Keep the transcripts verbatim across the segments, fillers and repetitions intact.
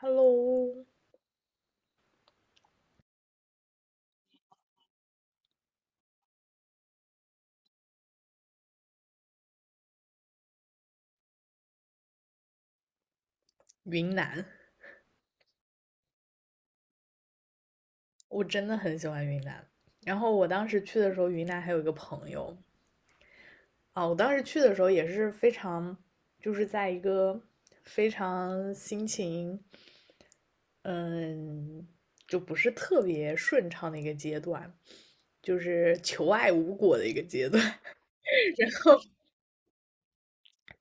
Hello，云南，我真的很喜欢云南。然后我当时去的时候，云南还有一个朋友啊，我当时去的时候也是非常，就是在一个非常心情，嗯，就不是特别顺畅的一个阶段，就是求爱无果的一个阶段。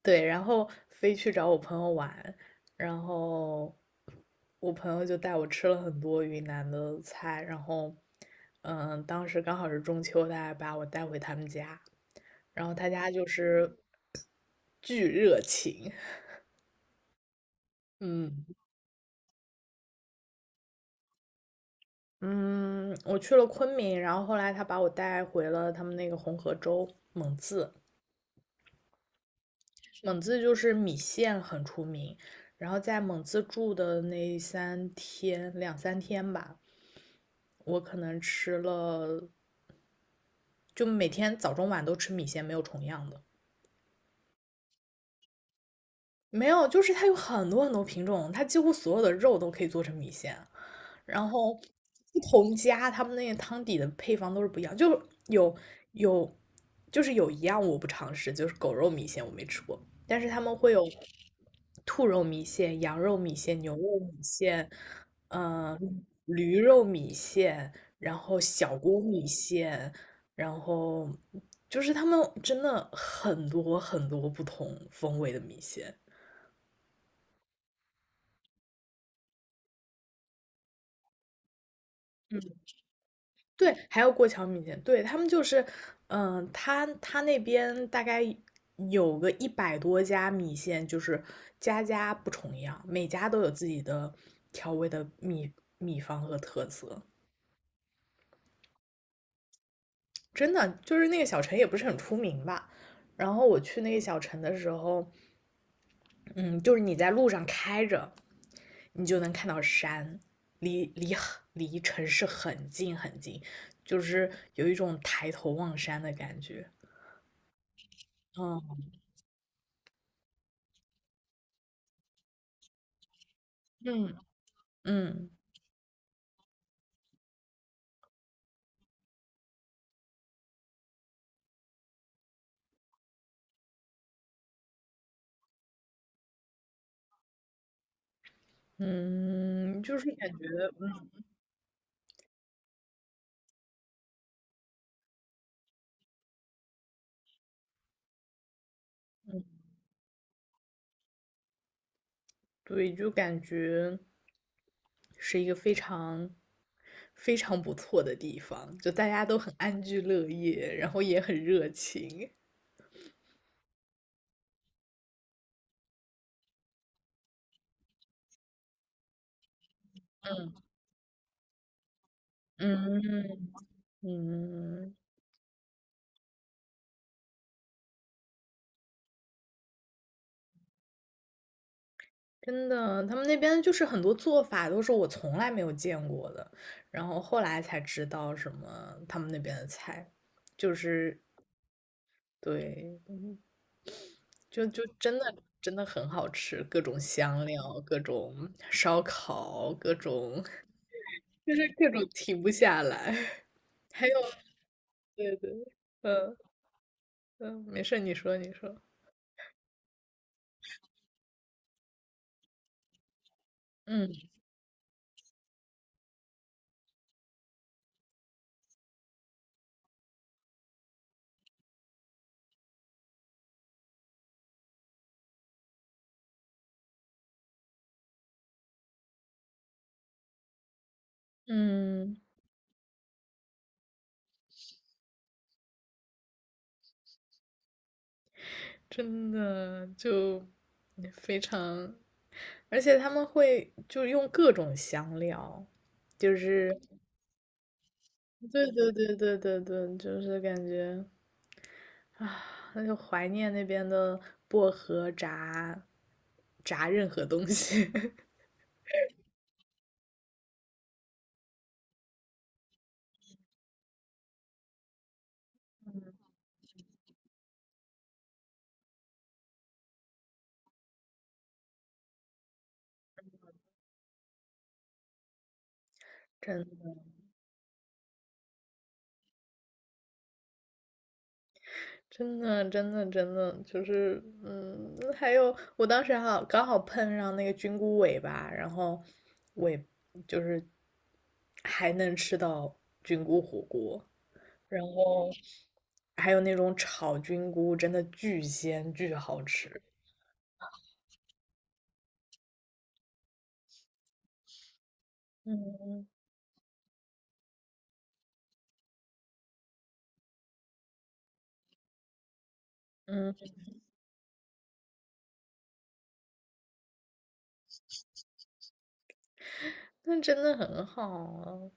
对，然后飞去找我朋友玩，然后我朋友就带我吃了很多云南的菜，然后，嗯，当时刚好是中秋，他还把我带回他们家，然后他家就是巨热情，嗯嗯，我去了昆明，然后后来他把我带回了他们那个红河州蒙自，蒙自就是米线很出名，然后在蒙自住的那三天两三天吧，我可能吃了，就每天早中晚都吃米线，没有重样的。没有，就是它有很多很多品种，它几乎所有的肉都可以做成米线。然后不同家他们那个汤底的配方都是不一样，就有有就是有一样我不尝试，就是狗肉米线我没吃过，但是他们会有兔肉米线、羊肉米线、牛肉米线，嗯驴肉米线，然后小锅米线，然后就是他们真的很多很多不同风味的米线。嗯，对，还有过桥米线，对，他们就是，嗯、他他那边大概有个一百多家米线，就是家家不重样，每家都有自己的调味的秘秘方和特色。真的，就是那个小城也不是很出名吧。然后我去那个小城的时候，嗯，就是你在路上开着，你就能看到山，离离很离城市很近很近，就是有一种抬头望山的感觉。嗯嗯嗯嗯，就是感觉，嗯，对，就感觉是一个非常非常不错的地方，就大家都很安居乐业，然后也很热情。嗯嗯，真的，他们那边就是很多做法都是我从来没有见过的，然后后来才知道什么他们那边的菜，就是对，就就真的真的很好吃，各种香料，各种烧烤，各种就是各种停不下来。还有，对对，嗯嗯，没事，你说你说，嗯嗯，真的就非常，而且他们会就用各种香料，就是对对对对对对，就是感觉啊，那就怀念那边的薄荷炸炸任何东西。真的，真的，真的，真的，就是，嗯，还有，我当时还好刚好碰上那个菌菇尾巴，然后尾就是还能吃到菌菇火锅，然后还有那种炒菌菇，真的巨鲜巨好吃。嗯嗯。那真的很好啊。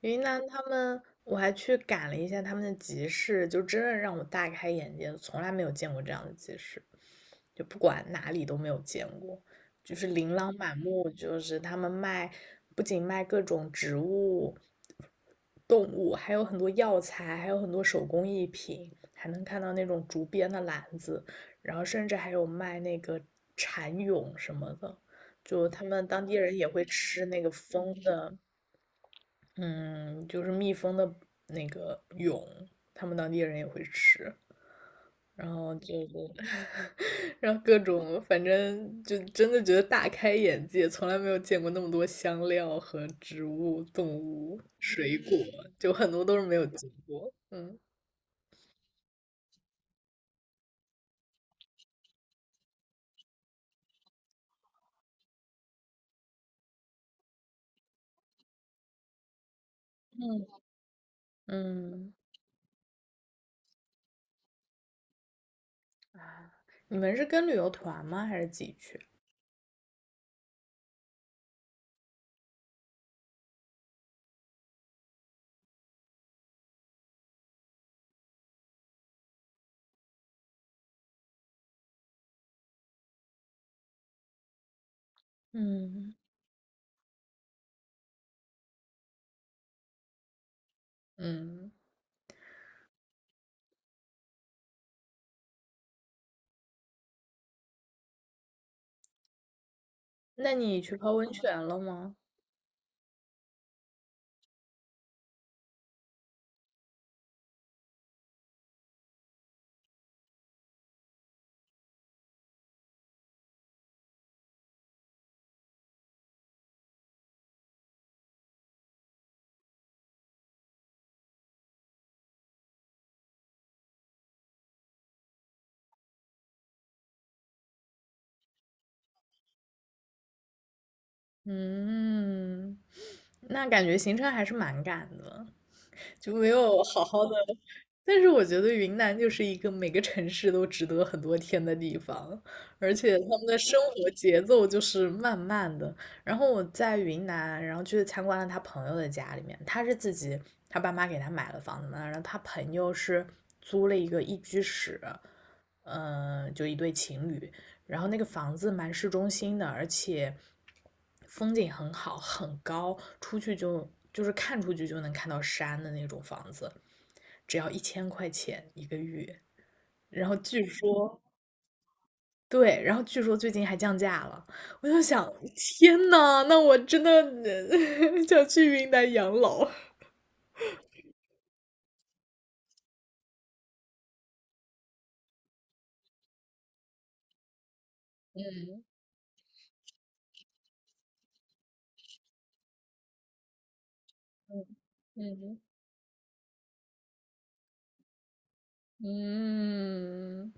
云南他们，我还去赶了一下他们的集市，就真的让我大开眼界，从来没有见过这样的集市，就不管哪里都没有见过，就是琳琅满目，就是他们卖，不仅卖各种植物、动物，还有很多药材，还有很多手工艺品，还能看到那种竹编的篮子，然后甚至还有卖那个蚕蛹什么的。就他们当地人也会吃那个蜂的，嗯，就是蜜蜂的那个蛹，他们当地人也会吃。然后就是，然后各种，反正就真的觉得大开眼界，从来没有见过那么多香料和植物、动物、水果，就很多都是没有见过。嗯嗯，嗯，你们是跟旅游团吗？还是自己去？嗯嗯，那你去泡温泉了吗？嗯，那感觉行程还是蛮赶的，就没有好好的。但是我觉得云南就是一个每个城市都值得很多天的地方，而且他们的生活节奏就是慢慢的。然后我在云南，然后去参观了他朋友的家里面，他是自己，他爸妈给他买了房子嘛，然后他朋友是租了一个一居室，嗯、呃就一对情侣，然后那个房子蛮市中心的，而且风景很好，很高，出去就就是看出去就能看到山的那种房子，只要一千块钱一个月。然后据说，对，然后据说最近还降价了。我就想，天呐，那我真的呃 想去云南养老。嗯嗯，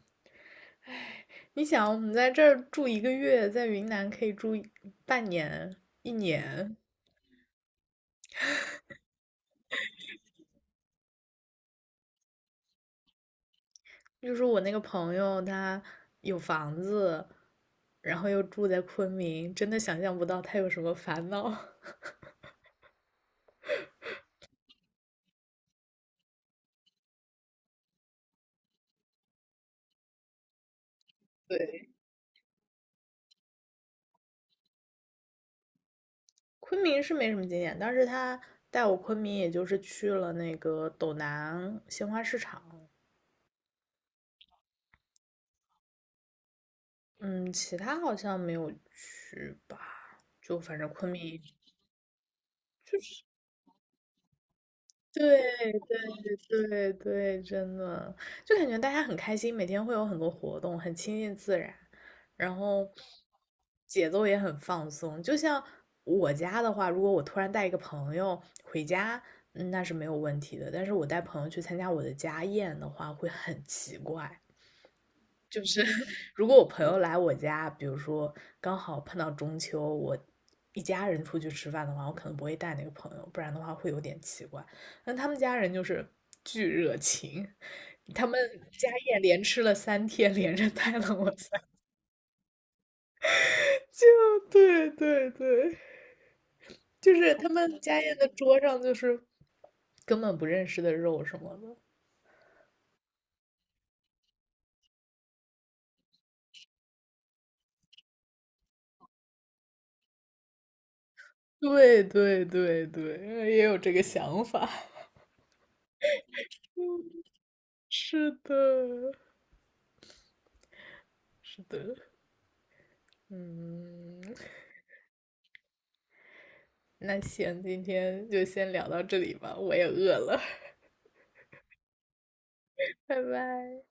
你想，我们在这儿住一个月，在云南可以住一半年、一年，就是我那个朋友，他有房子，然后又住在昆明，真的想象不到他有什么烦恼。对，昆明是没什么经验，但是他带我昆明，也就是去了那个斗南鲜花市场，嗯，其他好像没有去吧，就反正昆明对对对对，真的，就感觉大家很开心，每天会有很多活动，很亲近自然，然后节奏也很放松。就像我家的话，如果我突然带一个朋友回家，嗯那是没有问题的。但是我带朋友去参加我的家宴的话，会很奇怪，就是如果我朋友来我家，比如说刚好碰到中秋，我一家人出去吃饭的话，我可能不会带那个朋友，不然的话会有点奇怪。但他们家人就是巨热情，他们家宴连吃了三天，连着带了我三，就对对对，就是他们家宴的桌上就是根本不认识的肉什么的。对对对对，也有这个想法。是的，是的。嗯，那行，今天就先聊到这里吧，我也饿了，拜拜。